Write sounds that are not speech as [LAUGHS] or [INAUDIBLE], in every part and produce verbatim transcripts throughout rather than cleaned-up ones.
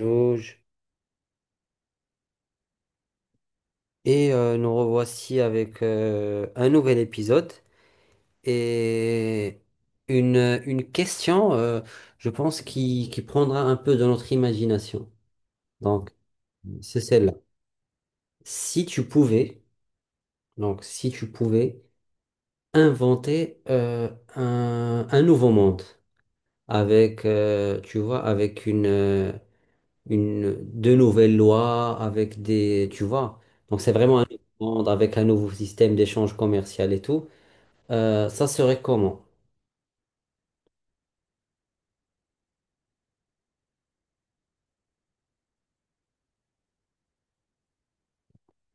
Jauge. Et euh, nous revoici avec euh, un nouvel épisode et une, une question, euh, je pense, qui, qui prendra un peu de notre imagination. Donc, c'est celle-là. Si tu pouvais, donc, si tu pouvais inventer euh, un, un nouveau monde avec, euh, tu vois, avec une, euh, une, de nouvelles lois, avec des, tu vois, donc c'est vraiment un nouveau monde avec un nouveau système d'échange commercial et tout. Euh, ça serait comment?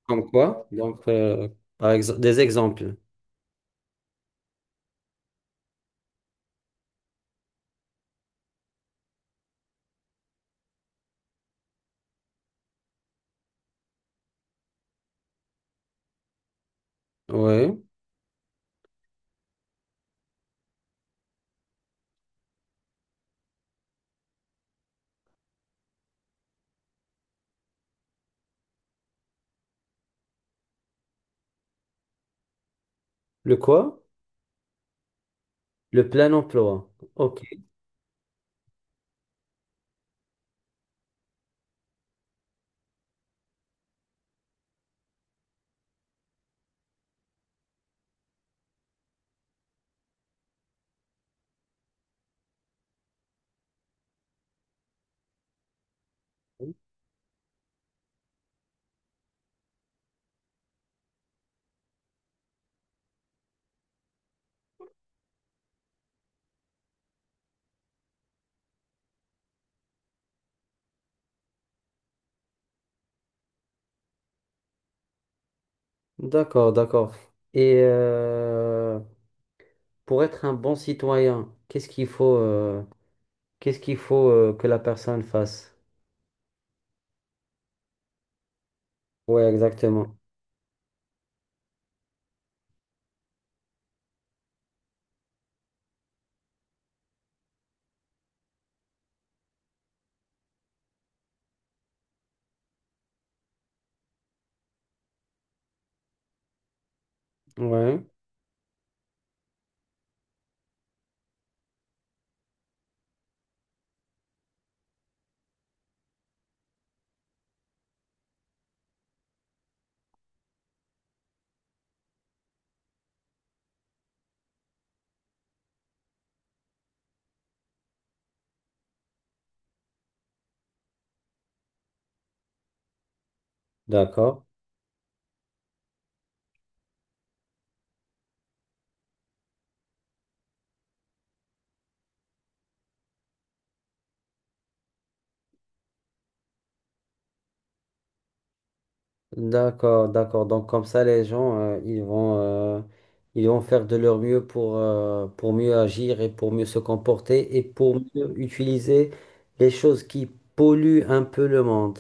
Comme quoi? Donc, euh, par exemple, des exemples. Oui. Le quoi? Le plein emploi. Ok. D'accord, d'accord. Et euh, pour être un bon citoyen, qu'est-ce qu'il faut, euh, qu'est-ce qu'il faut euh, que la personne fasse? Oui, exactement. Oui. D'accord. D'accord, d'accord. Donc comme ça, les gens, euh, ils vont, euh, ils vont faire de leur mieux pour, euh, pour mieux agir et pour mieux se comporter et pour mieux utiliser les choses qui polluent un peu le monde.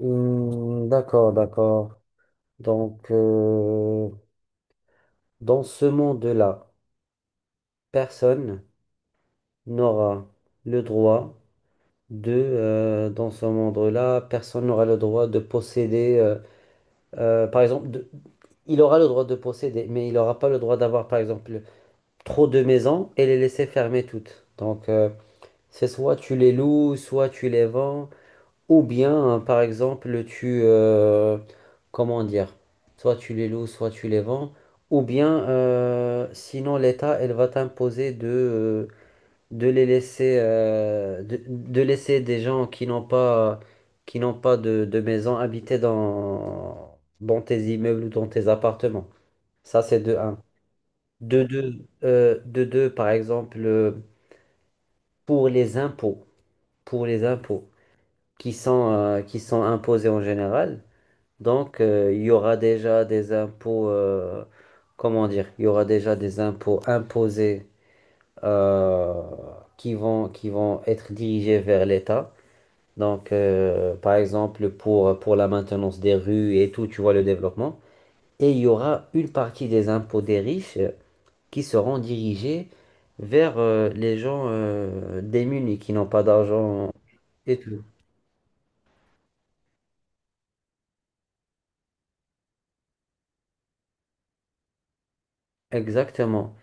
Hmm, d'accord, d'accord. Donc euh, dans ce monde-là, personne n'aura le droit de, euh, dans ce monde-là, personne n'aura le droit de posséder. Euh, par exemple, de- il aura le droit de posséder, mais il n'aura pas le droit d'avoir, par exemple, trop de maisons et les laisser fermer toutes. Donc, euh, c'est soit tu les loues, soit tu les vends, ou bien, hein, par exemple, tu... euh, comment dire? Soit tu les loues, soit tu les vends, ou bien, euh, sinon l'État, elle va t'imposer de, euh, de les laisser euh, de, de laisser des gens qui n'ont pas qui n'ont pas de, de maison habiter dans dans tes immeubles ou dans tes appartements. Ça, c'est de un. De deux, euh, de deux, par exemple, euh, pour les impôts, pour les impôts qui sont euh, qui sont imposés en général. Donc, euh, il y aura déjà des impôts. Euh, comment dire, il y aura déjà des impôts imposés euh, qui vont, qui vont être dirigés vers l'État. Donc, euh, par exemple, pour, pour la maintenance des rues et tout, tu vois, le développement. Et il y aura une partie des impôts des riches euh, qui seront dirigés vers euh, les gens euh, démunis qui n'ont pas d'argent et tout. Exactement.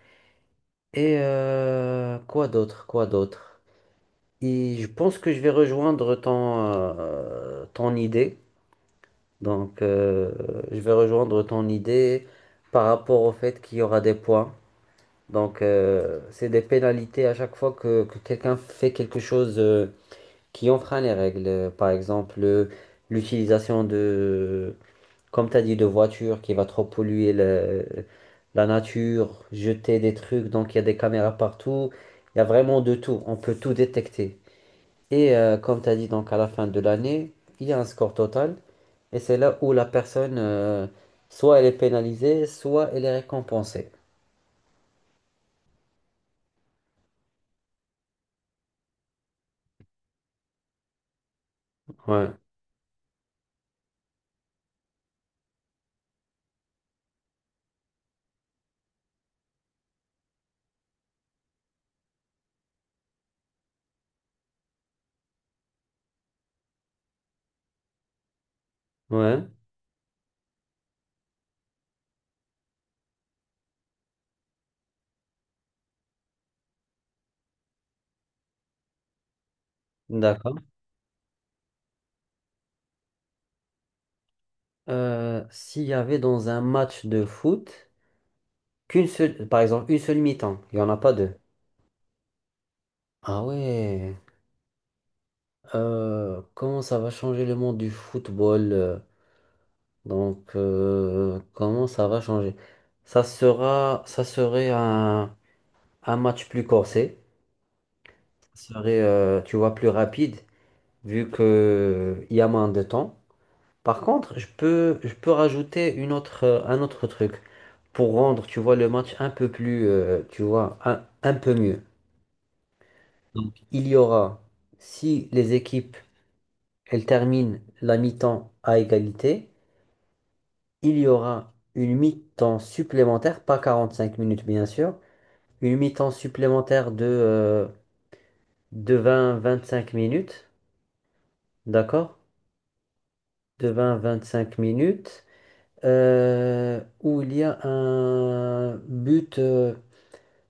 Et euh, quoi d'autre? Quoi d'autre? Et je pense que je vais rejoindre ton, euh, ton idée. Donc, euh, je vais rejoindre ton idée par rapport au fait qu'il y aura des points. Donc, euh, c'est des pénalités à chaque fois que, que quelqu'un fait quelque chose euh, qui enfreint les règles. Euh, Par exemple, euh, l'utilisation de, comme tu as dit, de voitures qui va trop polluer le- la nature, jeter des trucs. Donc, il y a des caméras partout. Il y a vraiment de tout. On peut tout détecter. Et euh, comme tu as dit, donc à la fin de l'année, il y a un score total. Et c'est là où la personne, euh, soit elle est pénalisée, soit elle est récompensée. Ouais, ouais, d'accord. Euh, s'il y avait dans un match de foot qu'une seule, par exemple, une seule mi-temps, il n'y en a pas deux. Ah ouais, Euh, comment ça va changer le monde du football? euh, Donc, euh, comment ça va changer? Ça sera, ça serait un, un match plus corsé, ça serait, euh, tu vois, plus rapide, vu que euh, il y a moins de temps. Par contre, je peux, je peux rajouter une autre, euh, un autre truc pour rendre, tu vois, le match un peu plus, euh, tu vois, un, un peu mieux. Il y aura, si les équipes, elles terminent la mi-temps à égalité, il y aura une mi-temps supplémentaire, pas quarante-cinq minutes bien sûr, une mi-temps supplémentaire de, euh, de vingt à vingt-cinq minutes, d'accord? De vingt à vingt-cinq minutes, euh, où il y a un but. euh,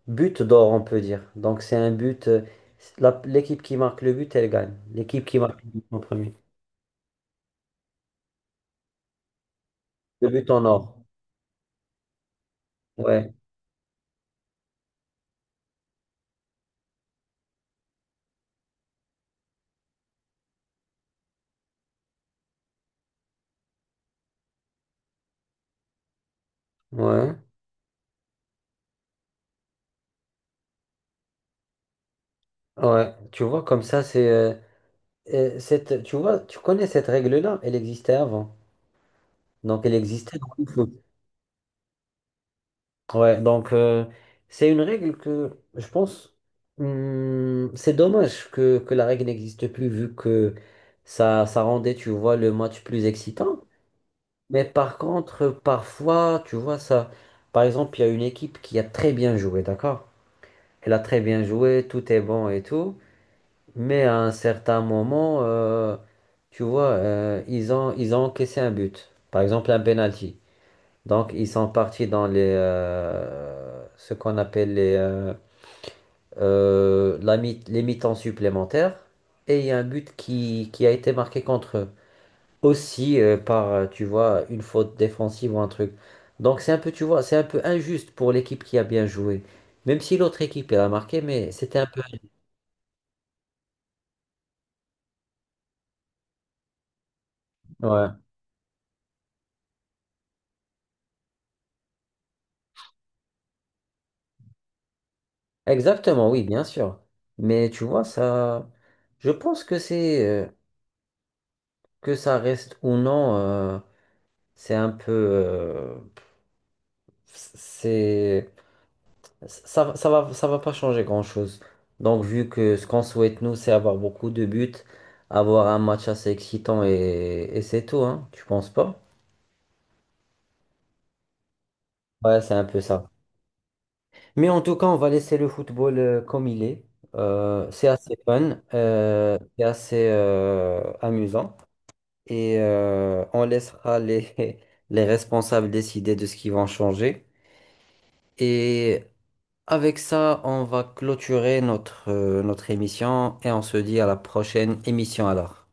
But d'or, on peut dire. Donc, c'est un but. euh, la- L'équipe qui marque le but, elle gagne. L'équipe qui marque le but en premier. Le but en or. Ouais, ouais, ouais. Tu vois, comme ça, c'est. Euh, euh, cette, tu vois, tu connais cette règle-là, elle existait avant. Donc, elle existait dans le foot. Ouais, donc, euh, c'est une règle que je pense. Hum, c'est dommage que, que la règle n'existe plus, vu que ça, ça rendait, tu vois, le match plus excitant. Mais par contre, parfois, tu vois ça. Par exemple, il y a une équipe qui a très bien joué, d'accord? Elle a très bien joué, tout est bon et tout. Mais à un certain moment, euh, tu vois, euh, ils ont, ils ont encaissé un but. Par exemple, un penalty. Donc, ils sont partis dans les, euh, ce qu'on appelle les, euh, euh, la mi- les mi-temps supplémentaires. Et il y a un but qui, qui a été marqué contre eux aussi euh, par, euh, tu vois, une faute défensive ou un truc. Donc c'est un peu, tu vois, c'est un peu injuste pour l'équipe qui a bien joué. Même si l'autre équipe elle a marqué, mais c'était un peu... Ouais. Exactement, oui, bien sûr. Mais tu vois, ça... Je pense que c'est... euh, que ça reste ou non, euh, c'est un peu... euh, c'est... Ça, ça va, ça va pas changer grand-chose. Donc, vu que ce qu'on souhaite, nous, c'est avoir beaucoup de buts, avoir un match assez excitant et, et c'est tout, hein. Tu penses pas? Ouais, c'est un peu ça. Mais en tout cas, on va laisser le football euh, comme il est. Euh, c'est assez fun, euh, c'est assez euh, amusant. Et euh, on laissera les, [LAUGHS] les responsables décider de ce qu'ils vont changer. Et avec ça, on va clôturer notre, euh, notre émission et on se dit à la prochaine émission alors.